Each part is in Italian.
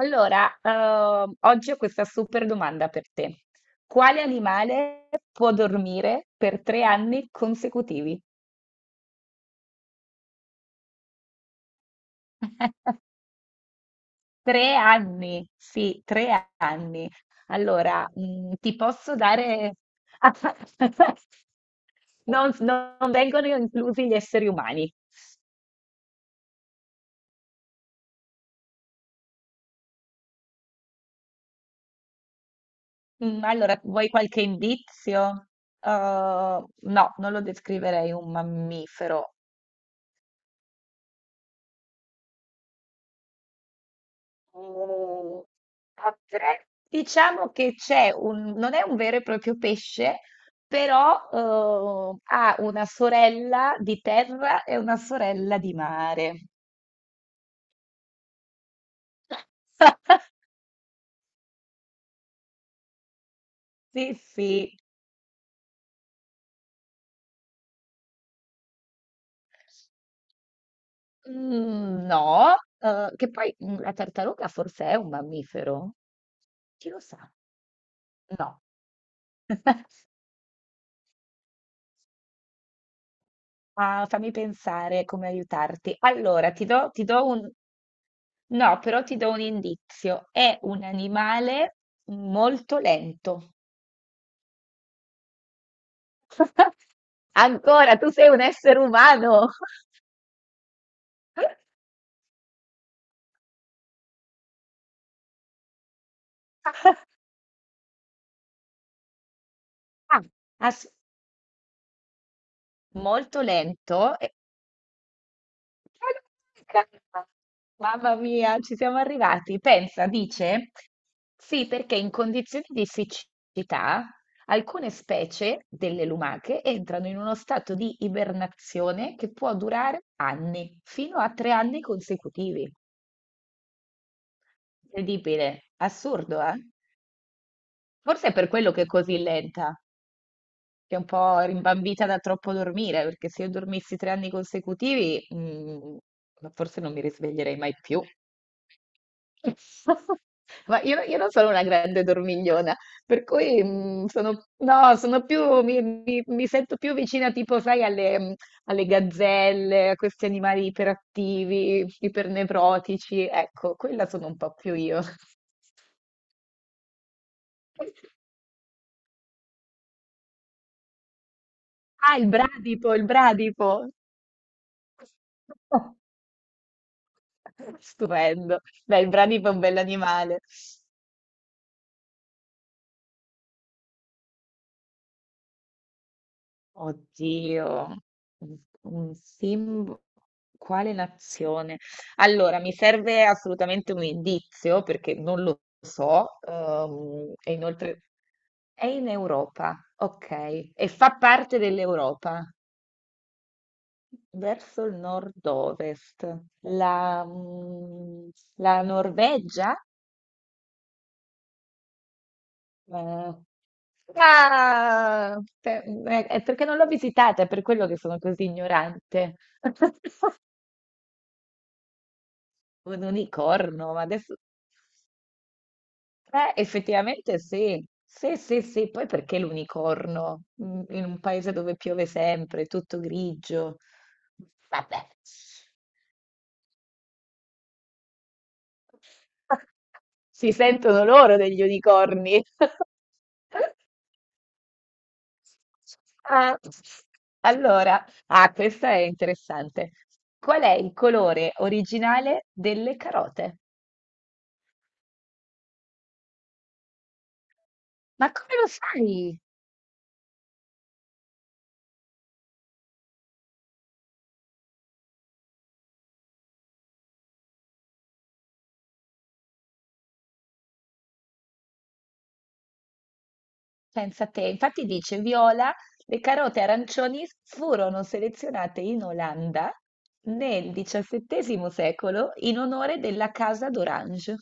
Allora, oggi ho questa super domanda per te. Quale animale può dormire per tre anni consecutivi? Tre anni, sì, tre anni. Allora, ti posso dare... Non vengono inclusi gli esseri umani. Allora, vuoi qualche indizio? No, non lo descriverei un mammifero. Mhmm, potre diciamo che c'è un non è un vero e proprio pesce, però, ha una sorella di terra e una sorella di mare. Sì, sì. Mhmm, no, che poi, la tartaruga forse è un mammifero? Chi lo sa? No. Ah, fammi pensare come aiutarti. Allora, ti do un... No, però ti do un indizio. È un animale molto lento. Ancora, tu sei un essere umano. Ah, as- molto lento. Mamma mia, ci siamo arrivati. Pensa, dice, sì, perché in condizioni di siccità alcune specie delle lumache entrano in uno stato di ibernazione che può durare anni, fino a tre anni consecutivi. Incredibile, assurdo, eh? Forse è per quello che è così lenta, che è un po' rimbambita da troppo dormire, perché se io dormissi tre anni consecutivi, forse non mi risveglierei mai più. Ma io non sono una grande dormigliona, per cui sono, no, sono più, mi sento più vicina tipo, sai, alle gazzelle, a questi animali iperattivi, ipernevrotici, ecco, quella sono un po' più io. Ah, il bradipo, il bradipo. Stupendo. Beh, il bradipo è un bell'animale. Oddio, un un simbolo. Quale nazione? Allora, mi serve assolutamente un indizio perché non lo so. E inoltre è in Europa, ok, e fa parte dell'Europa, verso il nord-ovest. La Norvegia? Eh, ah, è perché non l'ho visitata, è per quello che sono così ignorante. Un unicorno, ma adesso... effettivamente sì, sì, sì, sì, poi perché l'unicorno? In un paese dove piove sempre, tutto grigio. Vabbè, si sentono loro degli unicorni. Ah, allora, ah, questa è interessante. Qual è il colore originale delle carote? Ma come lo sai? Pensa te, infatti dice viola, le carote arancioni furono selezionate in Olanda nel XVII secolo in onore della Casa d'Orange.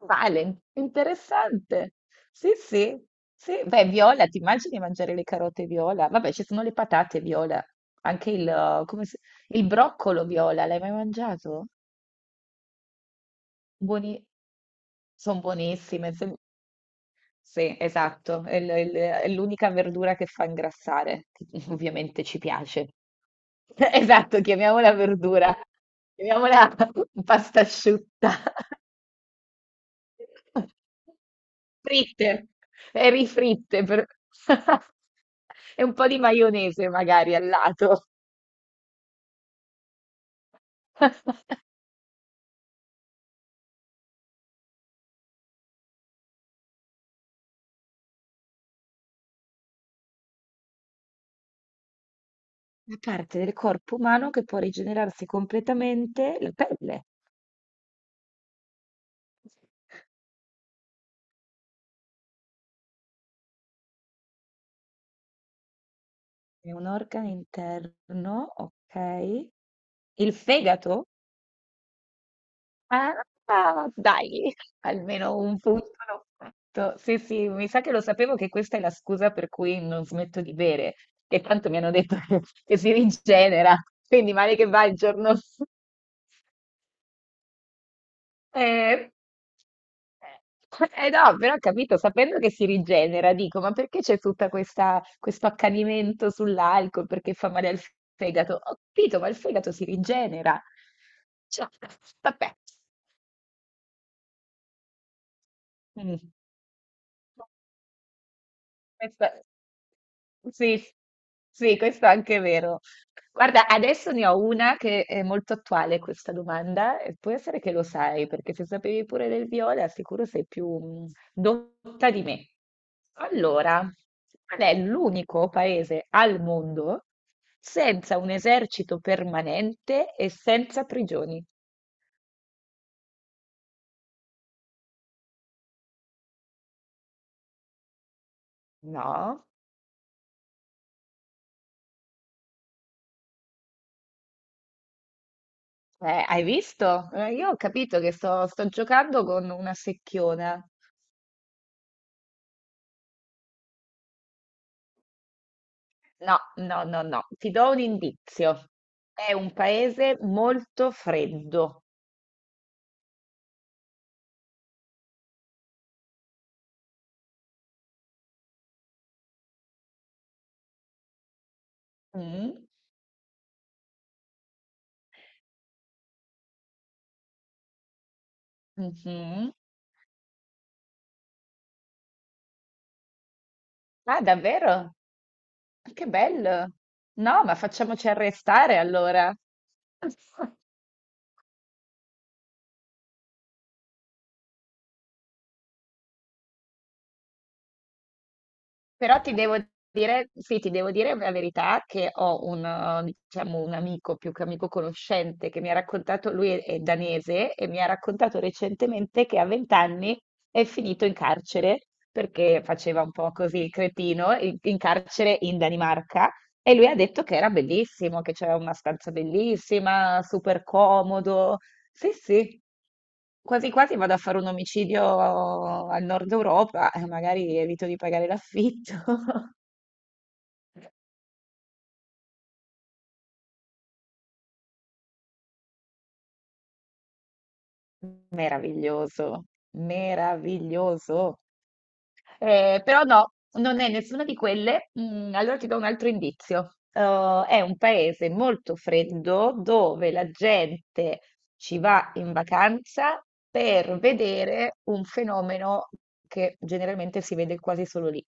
Vale, interessante. Sì, sì, sì. Beh, viola, ti immagini mangiare le carote viola? Vabbè, ci sono le patate viola, anche il broccolo viola, l'hai mai mangiato? Buoni... Sono buonissime. Sì, esatto, è l'unica verdura che fa ingrassare, che ovviamente ci piace. Esatto, chiamiamola verdura, chiamiamola pasta asciutta. Fritte, e rifritte, e un po' di maionese magari al lato. La parte del corpo umano che può rigenerarsi completamente la pelle. È un organo interno, okay. Il fegato? Ah, dai, almeno un punto l'ho fatto. Sì, sì, mi sa che lo sapevo che questa è la scusa per cui non smetto di bere, che tanto mi hanno detto che si rigenera, quindi male che va il giorno Eh, eh eh, no, però ho capito, sapendo che si rigenera, dico, ma perché c'è tutta questa, questo accanimento sull'alcol, perché fa male al fegato? Ho capito, ma il fegato si rigenera. Cioè, vabbè. Mm. Questa- Sì, sì, questo è anche vero. Guarda, adesso ne ho una che è molto attuale questa domanda e può essere che lo sai, perché se sapevi pure del viola, sicuro sei più dotta di me. Allora, qual è l'unico paese al mondo senza un esercito permanente e senza prigioni? No? Hai visto? Io ho capito che sto giocando con una secchiona. No, no, no, no. Ti do un indizio. È un paese molto freddo. Mm, mhm. Ah, davvero? Che bello. No, ma facciamoci arrestare allora. Però ti devo dire, sì, ti devo dire la verità che ho un, diciamo, un amico, più che amico conoscente, che mi ha raccontato, lui è danese, e mi ha raccontato recentemente che a 20 anni è finito in carcere, perché faceva un po' così il cretino, in carcere in Danimarca, e lui ha detto che era bellissimo, che c'era una stanza bellissima, super comodo, sì, sì, quasi quasi vado a fare un omicidio al nord Europa e magari evito di pagare l'affitto. Meraviglioso, meraviglioso. Però no, non è nessuna di quelle. Mm, allora ti do un altro indizio. È un paese molto freddo dove la gente ci va in vacanza per vedere un fenomeno che generalmente si vede quasi solo lì.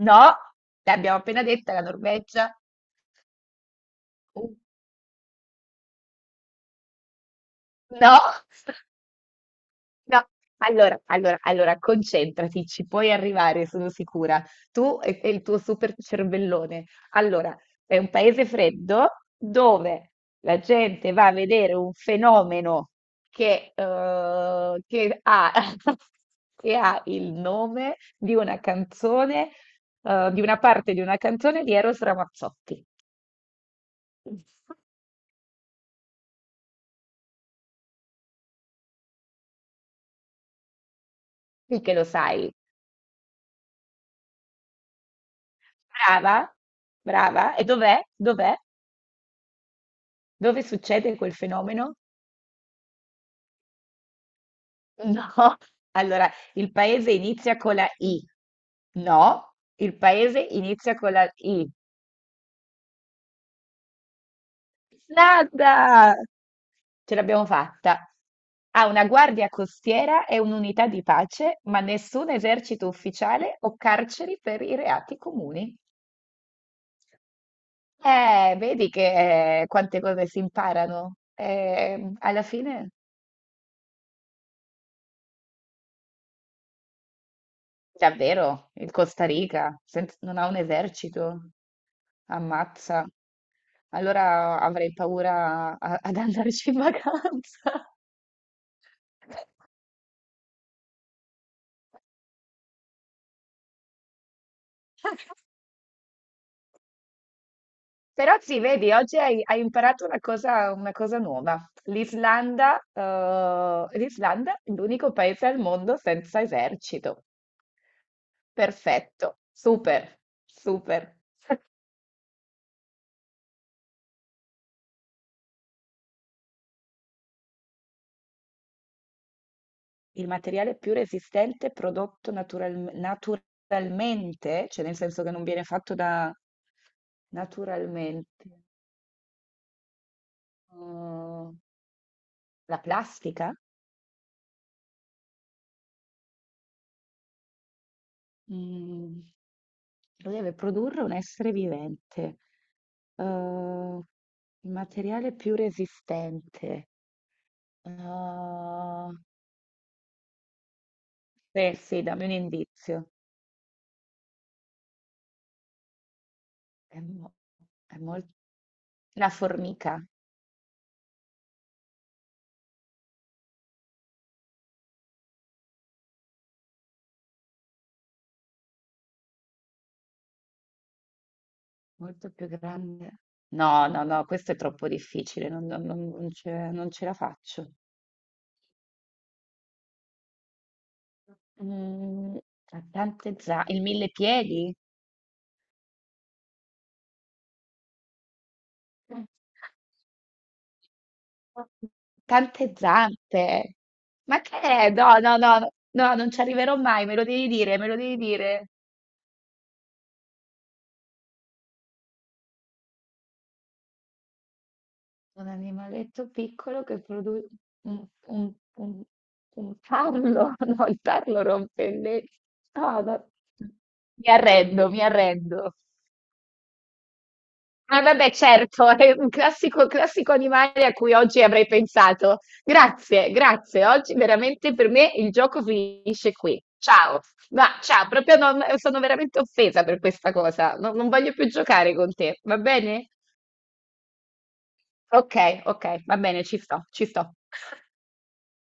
No, l'abbiamo appena detta la Norvegia. Uh, No, no. Allora, allora, allora, concentrati, ci puoi arrivare, sono sicura. Tu e il tuo super cervellone. Allora, è un paese freddo dove la gente va a vedere un fenomeno che ha, che ha il nome di una canzone, di una parte di una canzone di Eros Ramazzotti. Sì che lo sai. Brava, brava. E dov'è? Dov'è? Dove succede quel fenomeno? No. Allora, il paese inizia con la I. No, il paese inizia con la I. Nada! Ce l'abbiamo fatta. Ha una guardia costiera e un'unità di pace, ma nessun esercito ufficiale o carceri per i reati comuni. Vedi che quante cose si imparano. Alla fine. Davvero? Il Costa Rica non ha un esercito? Ammazza. Allora avrei paura ad andarci in vacanza. Però sì, vedi, oggi hai imparato una cosa nuova. L'Islanda è l'unico paese al mondo senza esercito. Perfetto, super, super. Il materiale più resistente prodotto naturalmente, cioè nel senso che non viene fatto da naturalmente, uh, la plastica, mm, lo deve produrre un essere vivente. Uh, il materiale più resistente. Uh, beh, sì, dammi un indizio. È, mo- è molto... La formica. Molto più grande. No, no, no, questo è troppo difficile, non ce la faccio. Mm, Ha tante zampe, il mille piedi? Tante zampe. Ma che è? No, no, no, no, no, non ci arriverò mai, me lo devi dire, me lo devi dire. Un animaletto piccolo che produce un, un, un, un tarlo, no, il tarlo rompe le... No, no. Mi arrendo, mi arrendo. Eh vabbè certo, è un classico classico animale a cui oggi avrei pensato. Grazie, grazie. Oggi veramente per me il gioco finisce qui. Ciao. Ma ciao, proprio non, sono veramente offesa per questa cosa. Non voglio più giocare con te, va bene? Ok, ok, va bene, ci sto, ci sto.